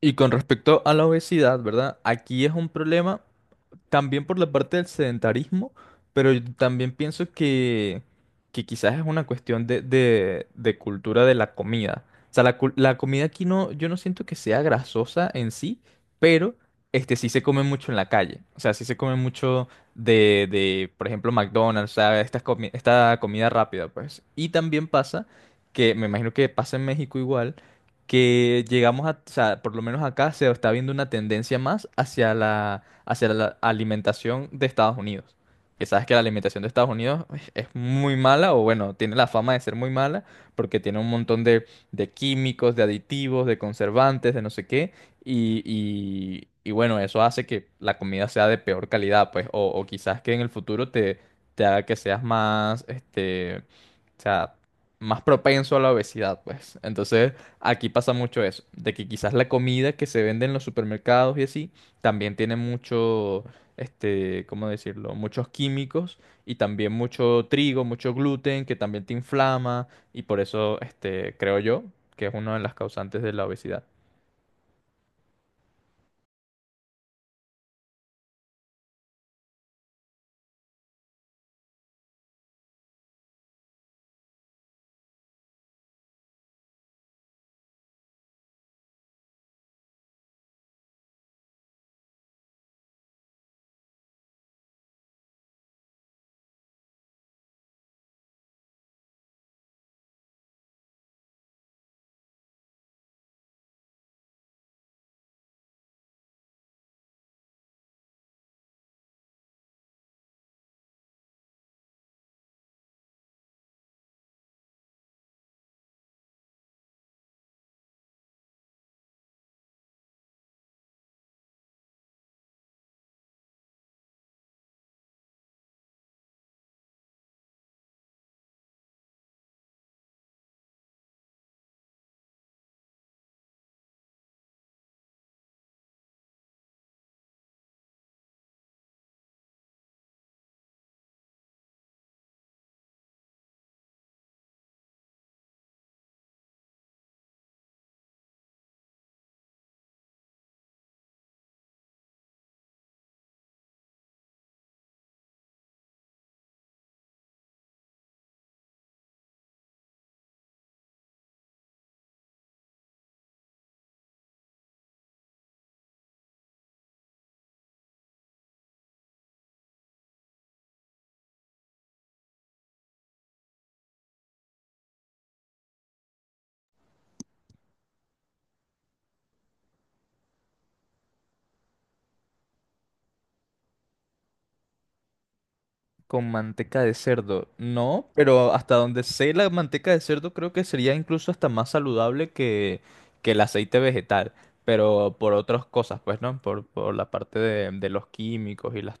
Y con respecto a la obesidad, ¿verdad? Aquí es un problema. También por la parte del sedentarismo, pero yo también pienso que quizás es una cuestión de cultura de la comida. O sea, la comida aquí no, yo no siento que sea grasosa en sí, pero sí se come mucho en la calle. O sea, sí se come mucho por ejemplo, McDonald's, o sea, esta comida rápida, pues. Y también pasa que, me imagino que pasa en México igual, que llegamos a, o sea, por lo menos acá se está viendo una tendencia más hacia la alimentación de Estados Unidos. Que sabes que la alimentación de Estados Unidos es muy mala, o bueno, tiene la fama de ser muy mala, porque tiene un montón de químicos, de aditivos, de conservantes, de no sé qué, y bueno, eso hace que la comida sea de peor calidad, pues, o quizás que en el futuro te haga que seas más, o sea, más propenso a la obesidad, pues. Entonces, aquí pasa mucho eso, de que quizás la comida que se vende en los supermercados y así, también tiene mucho, ¿cómo decirlo? Muchos químicos y también mucho trigo, mucho gluten, que también te inflama y por eso, creo yo, que es una de las causantes de la obesidad. Con manteca de cerdo. No, pero hasta donde sé, la manteca de cerdo creo que sería incluso hasta más saludable que el aceite vegetal. Pero por otras cosas, pues, ¿no? Por la parte de los químicos y las.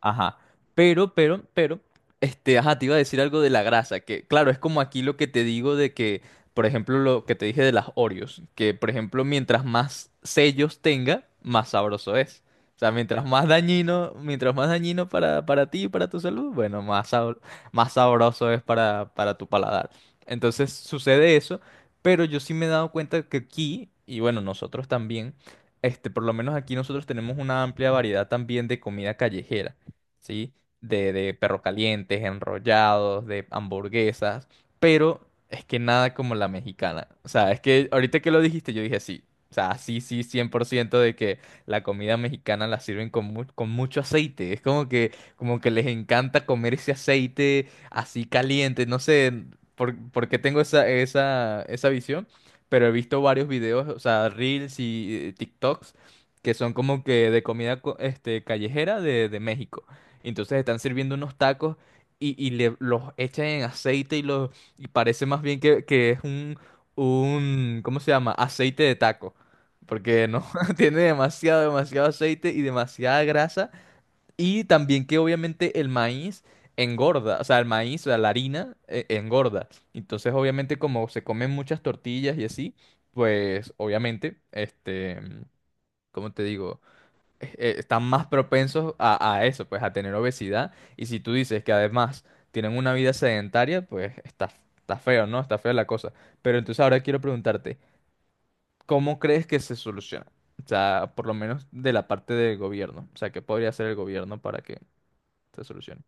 Ajá. Pero, ajá, te iba a decir algo de la grasa, que claro, es como aquí lo que te digo de que, por ejemplo, lo que te dije de las Oreos, que por ejemplo, mientras más sellos tenga, más sabroso es. O sea, mientras más dañino para ti y para tu salud, bueno, más sabroso es para tu paladar. Entonces sucede eso, pero yo sí me he dado cuenta que aquí, y bueno, nosotros también, por lo menos aquí nosotros tenemos una amplia variedad también de comida callejera. ¿Sí? De perro calientes, enrollados, de hamburguesas, pero es que nada como la mexicana. O sea, es que ahorita que lo dijiste, yo dije sí. O sea, sí, sí, 100% de que la comida mexicana la sirven con, con mucho aceite. Es como que les encanta comer ese aceite así caliente. No sé por qué tengo esa visión, pero he visto varios videos, o sea, Reels y TikToks, que son como que de comida callejera de México. Entonces están sirviendo unos tacos y los echan en aceite y y parece más bien que es un, ¿cómo se llama? Aceite de taco. Porque no, tiene demasiado aceite y demasiada grasa. Y también que obviamente el maíz engorda, o sea, el maíz, o sea, la harina engorda. Entonces obviamente como se comen muchas tortillas y así, pues obviamente, ¿cómo te digo? Están más propensos a eso, pues a tener obesidad. Y si tú dices que además tienen una vida sedentaria, pues está, está feo, ¿no? Está fea la cosa. Pero entonces ahora quiero preguntarte, ¿cómo crees que se soluciona? O sea, por lo menos de la parte del gobierno. O sea, ¿qué podría hacer el gobierno para que se solucione?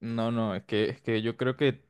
No, no, es que yo creo que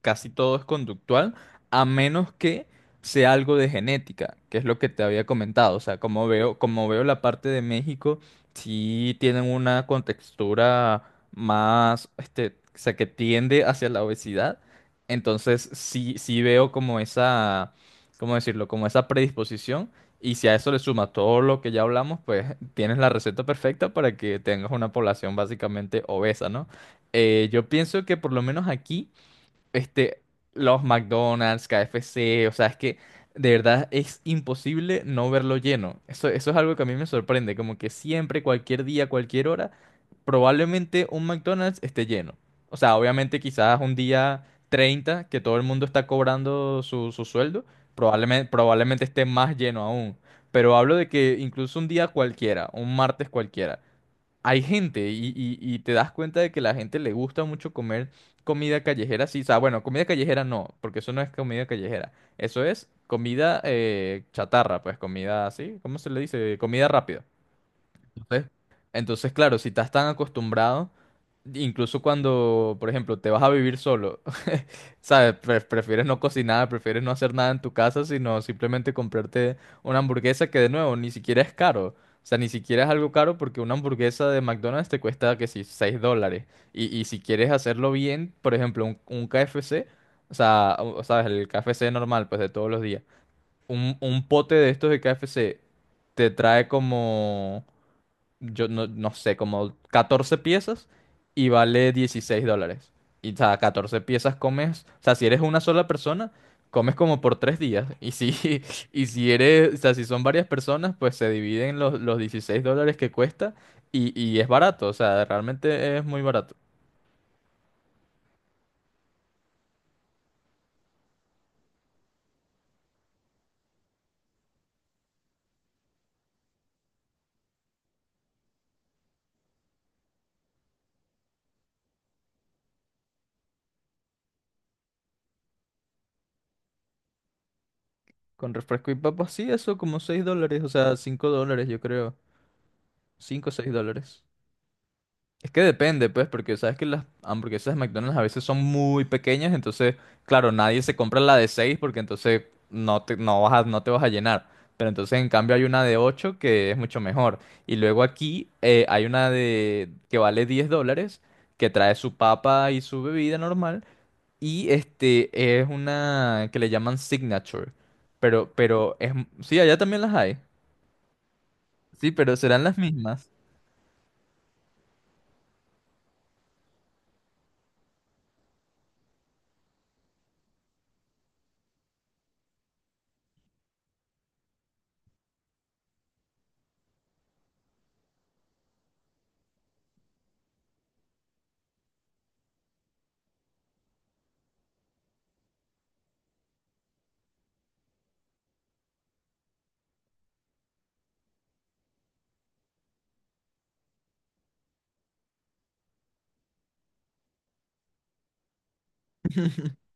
casi todo es conductual, a menos que sea algo de genética, que es lo que te había comentado. O sea, como veo la parte de México, sí tienen una contextura más, o sea, que tiende hacia la obesidad. Entonces, sí, sí veo como esa, ¿cómo decirlo? Como esa predisposición. Y si a eso le sumas todo lo que ya hablamos, pues tienes la receta perfecta para que tengas una población básicamente obesa, ¿no? Yo pienso que por lo menos aquí, este, los McDonald's, KFC, o sea, es que de verdad es imposible no verlo lleno. Eso es algo que a mí me sorprende, como que siempre, cualquier día, cualquier hora, probablemente un McDonald's esté lleno. O sea, obviamente quizás un día 30 que todo el mundo está cobrando su sueldo, probablemente esté más lleno aún. Pero hablo de que incluso un día cualquiera, un martes cualquiera hay gente y te das cuenta de que la gente le gusta mucho comer comida callejera, sí, o sea, bueno, comida callejera no, porque eso no es comida callejera, eso es comida chatarra, pues comida así, ¿cómo se le dice? Comida rápida. ¿Sí? Entonces, claro, si estás tan acostumbrado, incluso cuando, por ejemplo, te vas a vivir solo, ¿sabes? Prefieres no cocinar, prefieres no hacer nada en tu casa, sino simplemente comprarte una hamburguesa que de nuevo ni siquiera es caro. O sea, ni siquiera es algo caro porque una hamburguesa de McDonald's te cuesta que si $6. Y si quieres hacerlo bien, por ejemplo, un KFC, o sea, o- ¿sabes? El KFC normal, pues de todos los días. Un pote de estos de KFC te trae como yo no sé, como 14 piezas y vale $16. Y, o sea, 14 piezas comes, o sea, si eres una sola persona, comes como por 3 días. Y si, y si eres, o sea, si son varias personas, pues se dividen los $16 que cuesta y es barato, o sea, realmente es muy barato. Con refresco y papas, sí, eso como $6, o sea, $5 yo creo. Cinco o 6 dólares. Es que depende, pues, porque sabes que las hamburguesas de McDonald's a veces son muy pequeñas, entonces, claro, nadie se compra la de 6 porque entonces no no te vas a llenar. Pero entonces, en cambio, hay una de 8 que es mucho mejor. Y luego aquí hay una de que vale $10, que trae su papa y su bebida normal. Y es una que le llaman Signature. Pero es, sí, allá también las hay. Sí, pero serán las mismas.